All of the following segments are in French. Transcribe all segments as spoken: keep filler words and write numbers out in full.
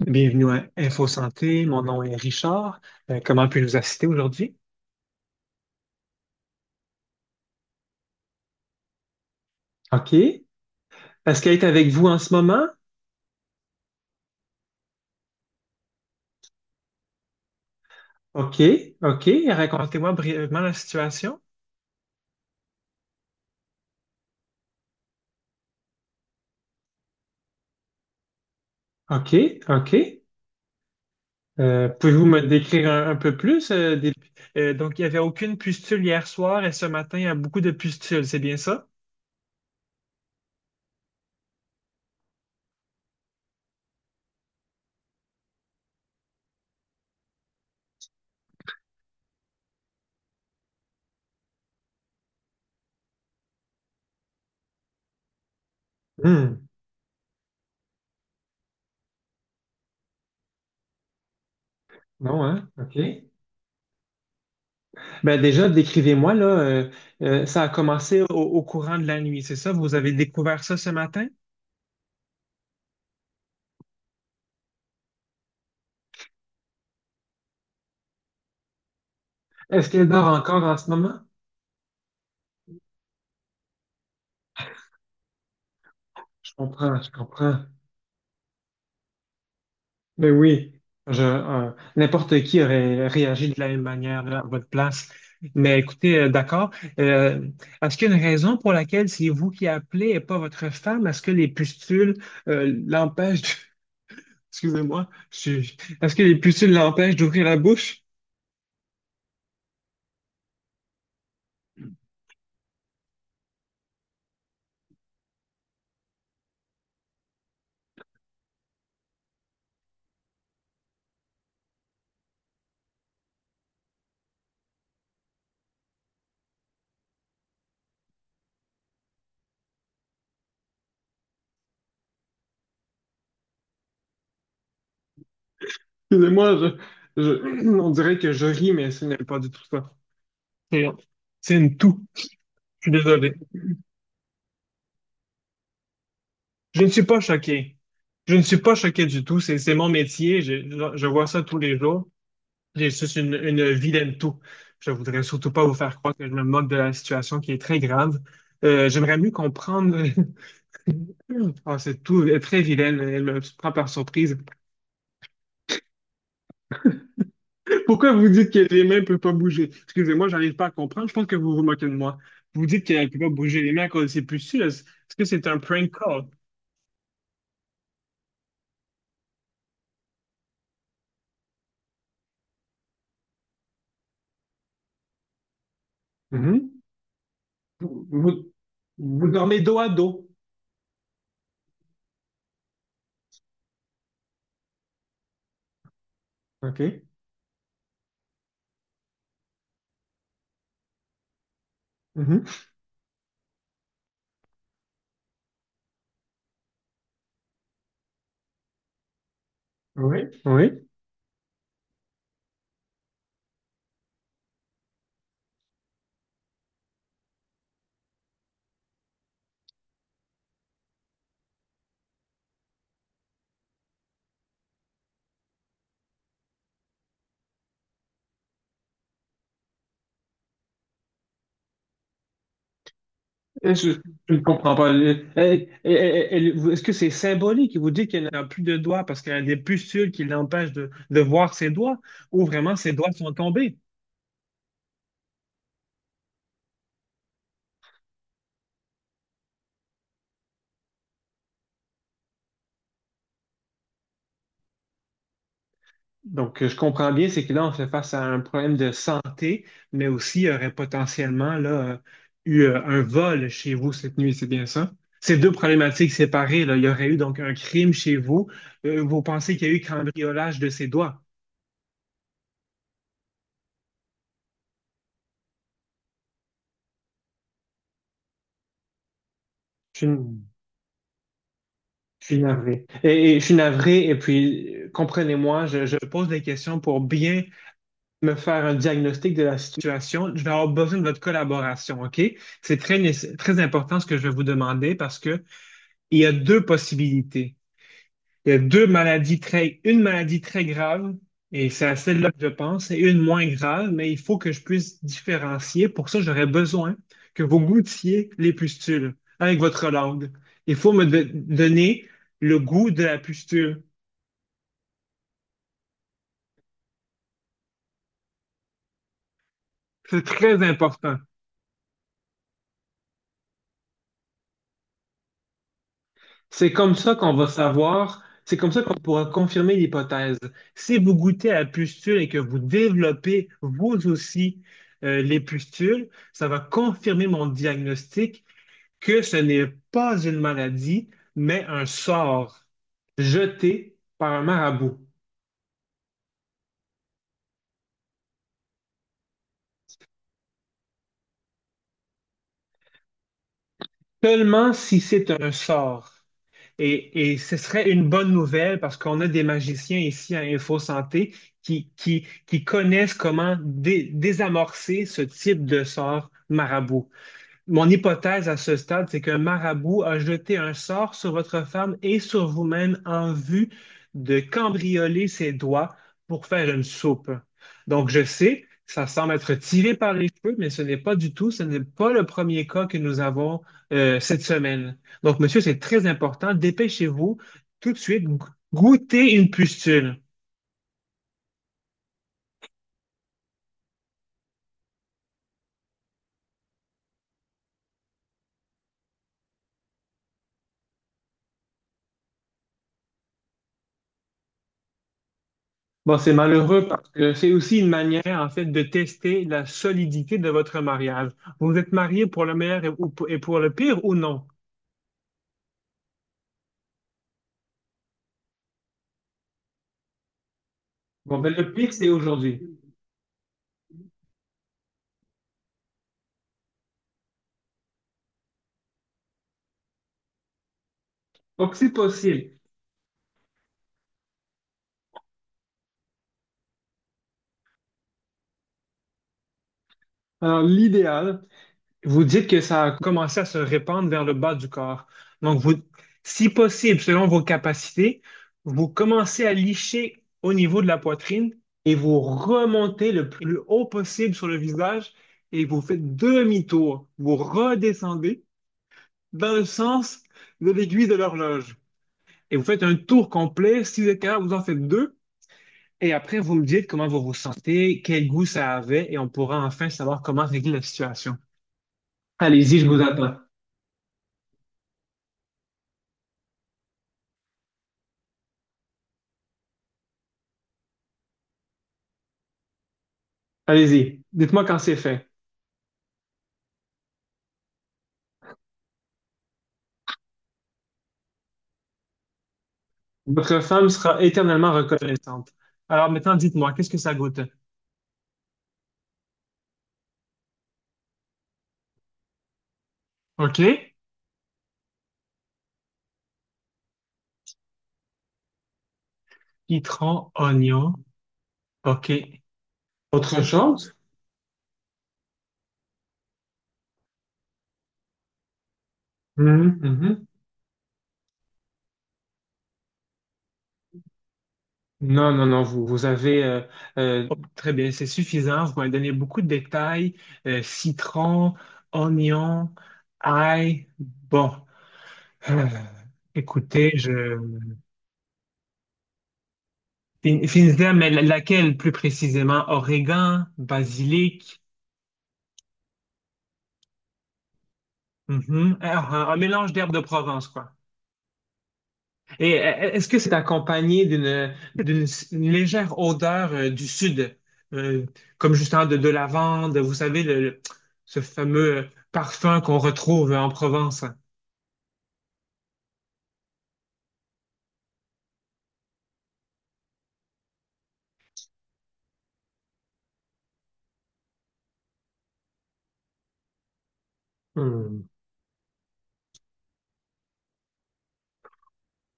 Bienvenue à Info Santé. Mon nom est Richard. Euh, comment puis-je vous assister aujourd'hui? OK. Est-ce qu'elle est avec vous en ce moment? OK, OK. Racontez-moi brièvement la situation. OK, OK. Euh, pouvez-vous me décrire un, un peu plus? Euh, des- euh, donc, il n'y avait aucune pustule hier soir et ce matin, il y a beaucoup de pustules, c'est bien ça? Hmm. Non, hein? OK. Ben déjà, décrivez-moi, là, euh, euh, ça a commencé au, au courant de la nuit, c'est ça? Vous avez découvert ça ce matin? Est-ce qu'elle dort encore en ce moment? Je comprends, je comprends. Mais oui, je, euh, n'importe qui aurait réagi de la même manière là, à votre place. Mais écoutez, euh, d'accord. Euh, Est-ce qu'il y a une raison pour laquelle c'est vous qui appelez et pas votre femme? Est-ce que les pustules euh, l'empêchent de- Excusez-moi, je suis- est-ce que les pustules l'empêchent d'ouvrir la bouche? Excusez-moi, je, je- on dirait que je ris, mais ce n'est pas du tout ça. C'est c'est une toux. Je suis désolé. Je ne suis pas choqué. Je ne suis pas choqué du tout. C'est, c'est mon métier. Je, je- je vois ça tous les jours. J'ai juste une, une vilaine toux. Je voudrais surtout pas vous faire croire que je me moque de la situation qui est très grave. Euh, j'aimerais mieux comprendre. Ah, c'est tout euh, très vilaine. Elle me prend par surprise. Pourquoi vous dites que les mains ne peuvent pas bouger? Excusez-moi, j'arrive pas à comprendre. Je pense que vous vous moquez de moi. Vous dites qu'elle ne peut pas bouger les mains à cause de ses pustules. Est-ce est-ce que c'est un prank call? Mhm. Vous, vous, Vous dormez dos à dos. OK. Mhm. Oui, oui. Et Je, je ne comprends pas. Et- et- et- et- vous- Est-ce que c'est symbolique? Il vous dit qu'elle n'a plus de doigts parce qu'elle a des pustules qui l'empêchent de, de voir ses doigts, ou vraiment ses doigts sont tombés? Donc, euh, je comprends bien, c'est que là, on fait face à un problème de santé, mais aussi il y aurait potentiellement là, euh, eu euh, un vol chez vous cette nuit, c'est bien ça? Ces deux problématiques séparées, là, il y aurait eu donc un crime chez vous. Euh, vous pensez qu'il y a eu cambriolage de ses doigts? Je suis navré. Et, et je suis navré, et puis euh, comprenez-moi, je, je pose des questions pour bien me faire un diagnostic de la situation. Je vais avoir besoin de votre collaboration, OK? C'est très, nécess- très important ce que je vais vous demander parce que il y a deux possibilités. Il y a deux maladies très, une maladie très grave, et c'est à celle-là que je pense, et une moins grave, mais il faut que je puisse différencier. Pour ça, j'aurais besoin que vous goûtiez les pustules avec votre langue. Il faut me de- donner le goût de la pustule. C'est très important. C'est comme ça qu'on va savoir, c'est comme ça qu'on pourra confirmer l'hypothèse. Si vous goûtez à la pustule et que vous développez vous aussi euh, les pustules, ça va confirmer mon diagnostic que ce n'est pas une maladie, mais un sort jeté par un marabout. Seulement si c'est un sort. Et, et ce serait une bonne nouvelle parce qu'on a des magiciens ici à Info Santé qui, qui, qui connaissent comment dé- désamorcer ce type de sort marabout. Mon hypothèse à ce stade, c'est qu'un marabout a jeté un sort sur votre femme et sur vous-même en vue de cambrioler ses doigts pour faire une soupe. Donc, je sais, ça semble être tiré par les cheveux, mais ce n'est pas du tout, ce n'est pas le premier cas que nous avons euh, cette semaine. Donc, monsieur, c'est très important. Dépêchez-vous tout de suite, go- goûtez une pustule. Bon, c'est malheureux parce que c'est aussi une manière, en fait, de tester la solidité de votre mariage. Vous êtes marié pour le meilleur et, ou pour et pour le pire ou non? Bon, ben, le pire, c'est aujourd'hui. Donc, c'est possible. Alors, l'idéal, vous dites que ça a commencé à se répandre vers le bas du corps. Donc, vous, si possible, selon vos capacités, vous commencez à licher au niveau de la poitrine et vous remontez le plus haut possible sur le visage et vous faites demi-tour. Vous redescendez dans le sens de l'aiguille de l'horloge. Et vous faites un tour complet. Si vous êtes capable, vous en faites deux. Et après, vous me dites comment vous ressentez, quel goût ça avait, et on pourra enfin savoir comment régler la situation. Allez-y, je vous attends. Allez-y. Dites-moi quand c'est fait. Votre femme sera éternellement reconnaissante. Alors maintenant, dites-moi, qu'est-ce que ça goûte? OK. Citron, oignon. OK. Autre chose? Mhm, mhm. Non, non, non, vous, vous avez euh, euh, très bien, c'est suffisant. Vous m'avez donné beaucoup de détails, euh, citron, oignon, ail. Bon, Euh, écoutez, je fin- finissez, mais la- laquelle plus précisément? Origan, basilic, mhm. Ah, ah, un mélange d'herbes de Provence, quoi. Et euh, euh, est-ce que c'est accompagné d'une d'une légère odeur euh, du sud, euh, comme justement de, de lavande, vous savez, le, le- ce fameux parfum qu'on retrouve en Provence? Hmm.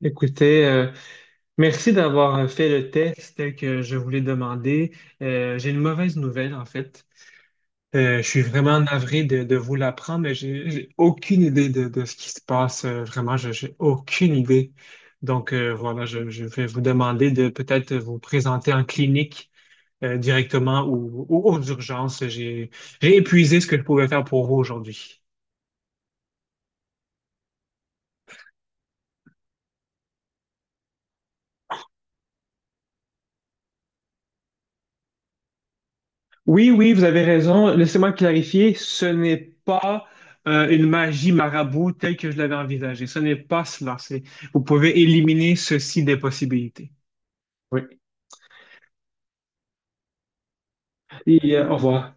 Écoutez, euh, merci d'avoir fait le test que je voulais demander. Euh, j'ai une mauvaise nouvelle, en fait. Euh, je suis vraiment navré de, de vous l'apprendre, mais j'ai j'ai aucune idée de, de ce qui se passe. Euh, vraiment, je- j'ai aucune idée. Donc, euh, voilà, je, je vais vous demander de peut-être vous présenter en clinique euh, directement ou, ou aux urgences. J'ai, j'ai épuisé ce que je pouvais faire pour vous aujourd'hui. Oui, oui, vous avez raison. Laissez-moi clarifier, ce n'est pas euh, une magie marabout telle que je l'avais envisagée. Ce n'est pas cela. C'est, vous pouvez éliminer ceci des possibilités. Oui. Et euh, au revoir.